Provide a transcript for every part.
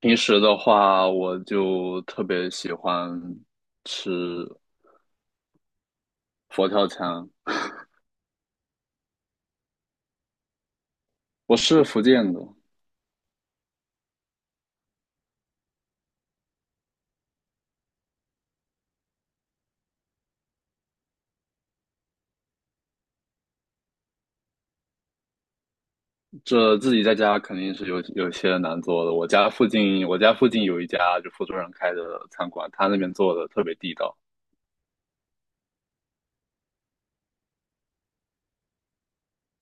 平时的话，我就特别喜欢吃佛跳墙。我是福建的，这自己在家肯定是有些难做的。我家附近有一家就福州人开的餐馆，他那边做的特别地道。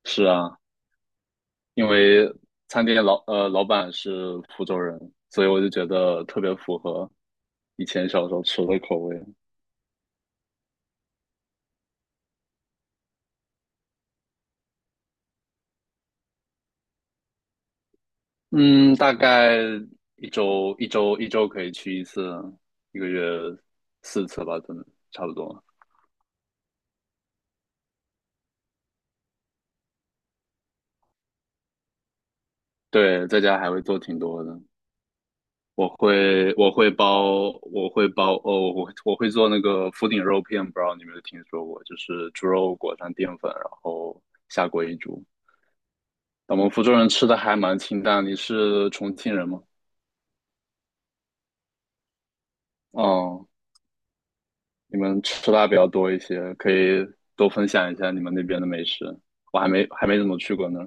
是啊，因为餐厅老板是福州人，所以我就觉得特别符合以前小时候吃的口味。嗯，大概一周可以去一次，一个月四次吧，可能差不多。对，在家还会做挺多的，我会包哦，我会做那个福鼎肉片，不知道你有没有听说过，就是猪肉裹上淀粉，然后下锅一煮。我们福州人吃的还蛮清淡，你是重庆人吗？哦，你们吃辣比较多一些，可以多分享一下你们那边的美食。我还没怎么去过呢。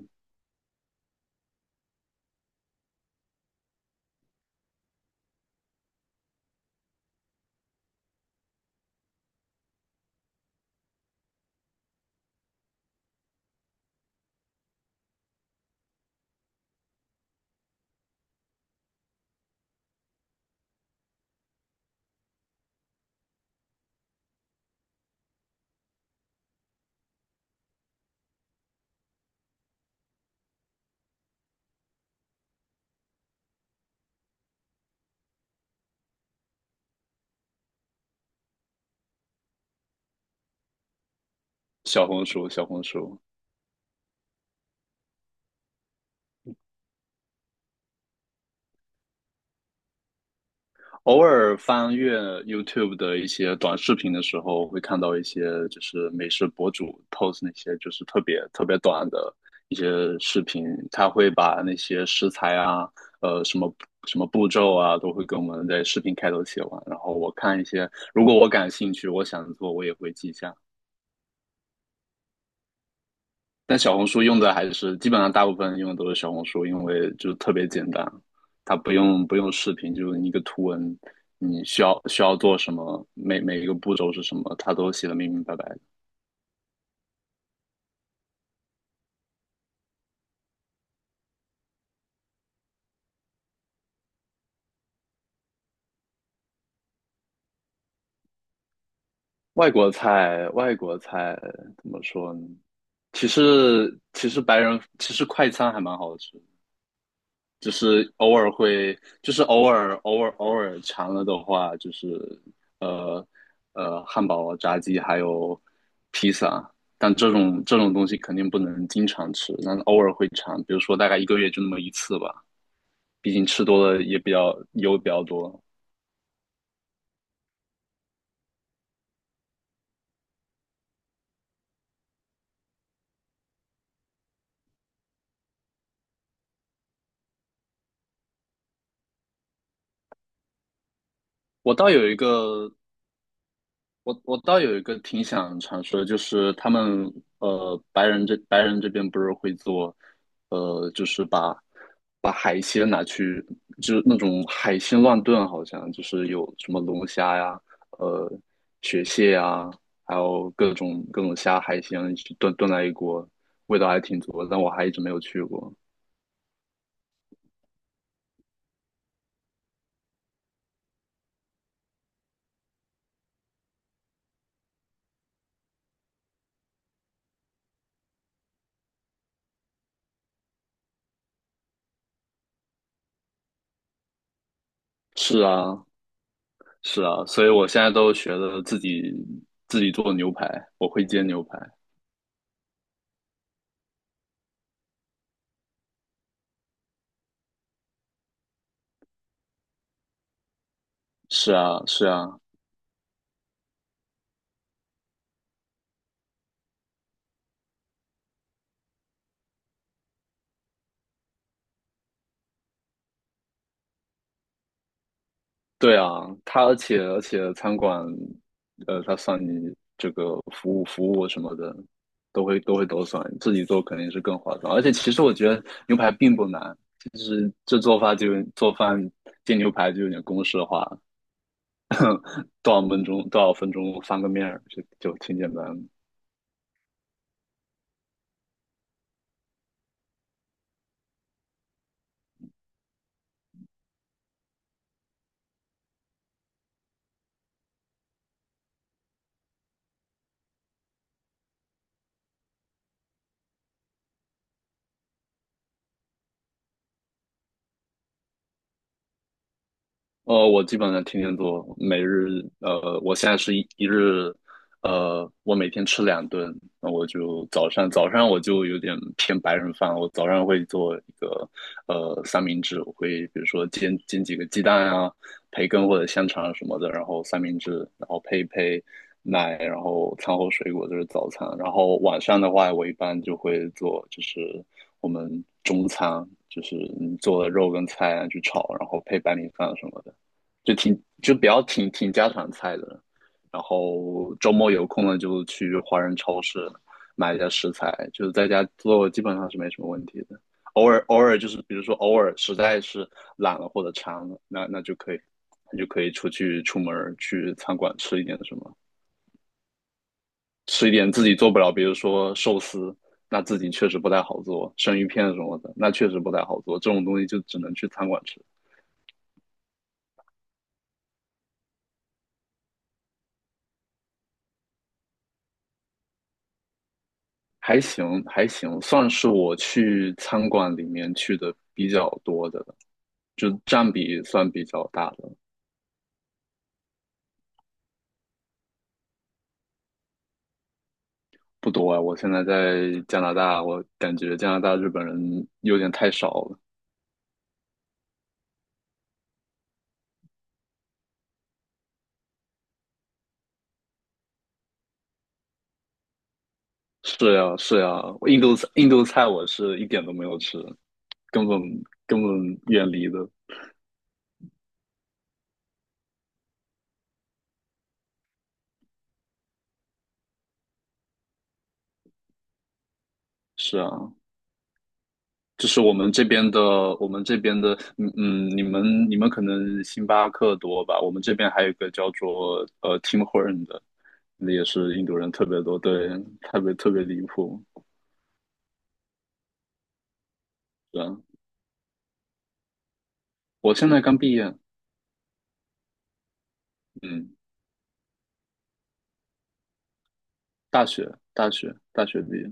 小红书，小红书，偶尔翻阅 YouTube 的一些短视频的时候，会看到一些就是美食博主 post 那些就是特别短的一些视频，他会把那些食材啊，呃，什么什么步骤啊，都会跟我们在视频开头写完。然后我看一些，如果我感兴趣，我想做，我也会记下。但小红书用的还是基本上大部分用的都是小红书，因为就是特别简单，它不用视频，就是一个图文，你需要做什么，每一个步骤是什么，它都写的明明白白的。外国菜，外国菜怎么说呢？其实白人其实快餐还蛮好吃，就是偶尔会，就是偶尔馋了的话，就是呃汉堡、炸鸡还有披萨，但这种东西肯定不能经常吃，但是偶尔会馋，比如说大概一个月就那么一次吧，毕竟吃多了也比较油比较多。我倒有一个我倒有一个挺想尝试的，就是他们呃白人这边不是会做，呃就是把海鲜拿去，就是那种海鲜乱炖，好像就是有什么龙虾呀、呃雪蟹呀，还有各种虾海鲜一起炖在一锅，味道还挺足的，但我还一直没有去过。是啊，是啊，所以我现在都学的自己做牛排，我会煎牛排。是啊，是啊，对啊，它而且餐馆，呃，它算你这个服务什么的，都会都算，自己做肯定是更划算。而且其实我觉得牛排并不难，就是这做法就做饭煎牛排就有点公式化，多少分钟翻个面儿就挺简单的。我基本上天天做，我现在是一日，我每天吃两顿，那我就早上我就有点偏白人饭，我早上会做一个呃三明治，我会比如说煎几个鸡蛋啊，培根或者香肠什么的，然后三明治，然后配奶，然后餐后水果这是早餐，然后晚上的话，我一般就会做就是我们中餐，就是你做的肉跟菜啊去炒，然后配白米饭什么的。就挺就比较挺挺家常菜的。然后周末有空了就去华人超市买一下食材，就是在家做基本上是没什么问题的。偶尔就是比如说偶尔实在是懒了或者馋了，那就可以那就可以出去出门儿去餐馆吃一点什么，吃一点自己做不了，比如说寿司，那自己确实不太好做，生鱼片什么的，那确实不太好做，这种东西就只能去餐馆吃。还行还行，算是我去餐馆里面去的比较多的了，就占比算比较大的，不多啊。我现在在加拿大，我感觉加拿大日本人有点太少了。是呀是呀，我印度菜我是一点都没有吃，根本根本远离的。是啊，就是我们这边的，我们这边的，嗯嗯，你们可能星巴克多吧？我们这边还有一个叫做呃 Tim Horton 的，那也是印度人特别多，对，特别离谱。对，我现在刚毕业，嗯，大学毕业，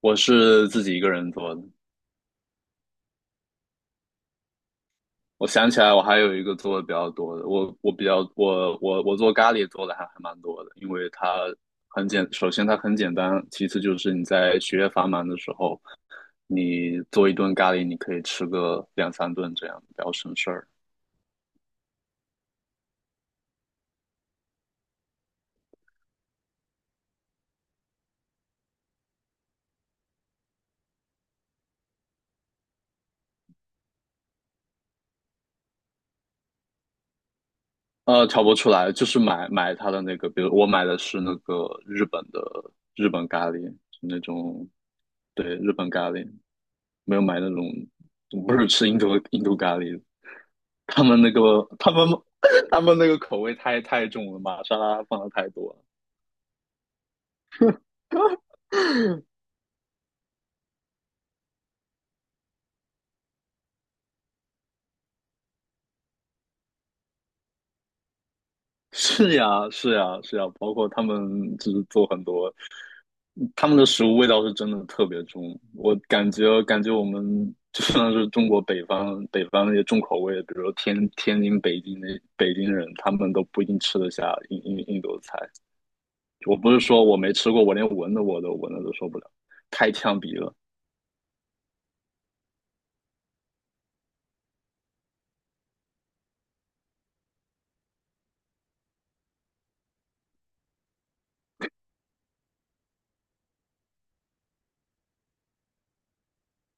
我是自己一个人做的。我想起来，我还有一个做的比较多的，我我比较我我我做咖喱做的还蛮多的，因为它首先它很简单，其次就是你在学业繁忙的时候。你做一顿咖喱，你可以吃个两三顿这样，比较省事儿。呃，调不出来，就是买它的那个，比如我买的是那个日本咖喱，是那种，对，日本咖喱，没有买那种，不是吃印度咖喱，他们 他们那个口味太重了，玛莎拉放的太多了。是呀，是呀，是呀，包括他们就是做很多。他们的食物味道是真的特别重，我感觉我们 就算是中国北方那些重口味，比如说天津、北京人，他们都不一定吃得下印度菜。我不是说我没吃过，我都闻的都受不了，太呛鼻了。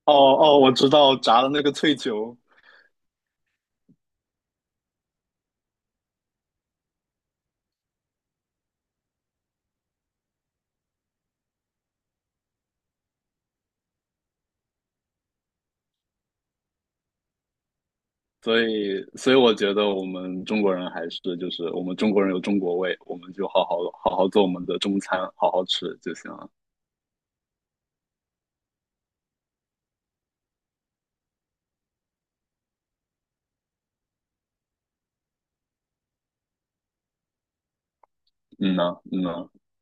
哦哦，我知道炸的那个脆球，所以我觉得我们中国人还是就是我们中国人有中国味，我们就好好做我们的中餐，好好吃就行了。嗯呐，嗯呐。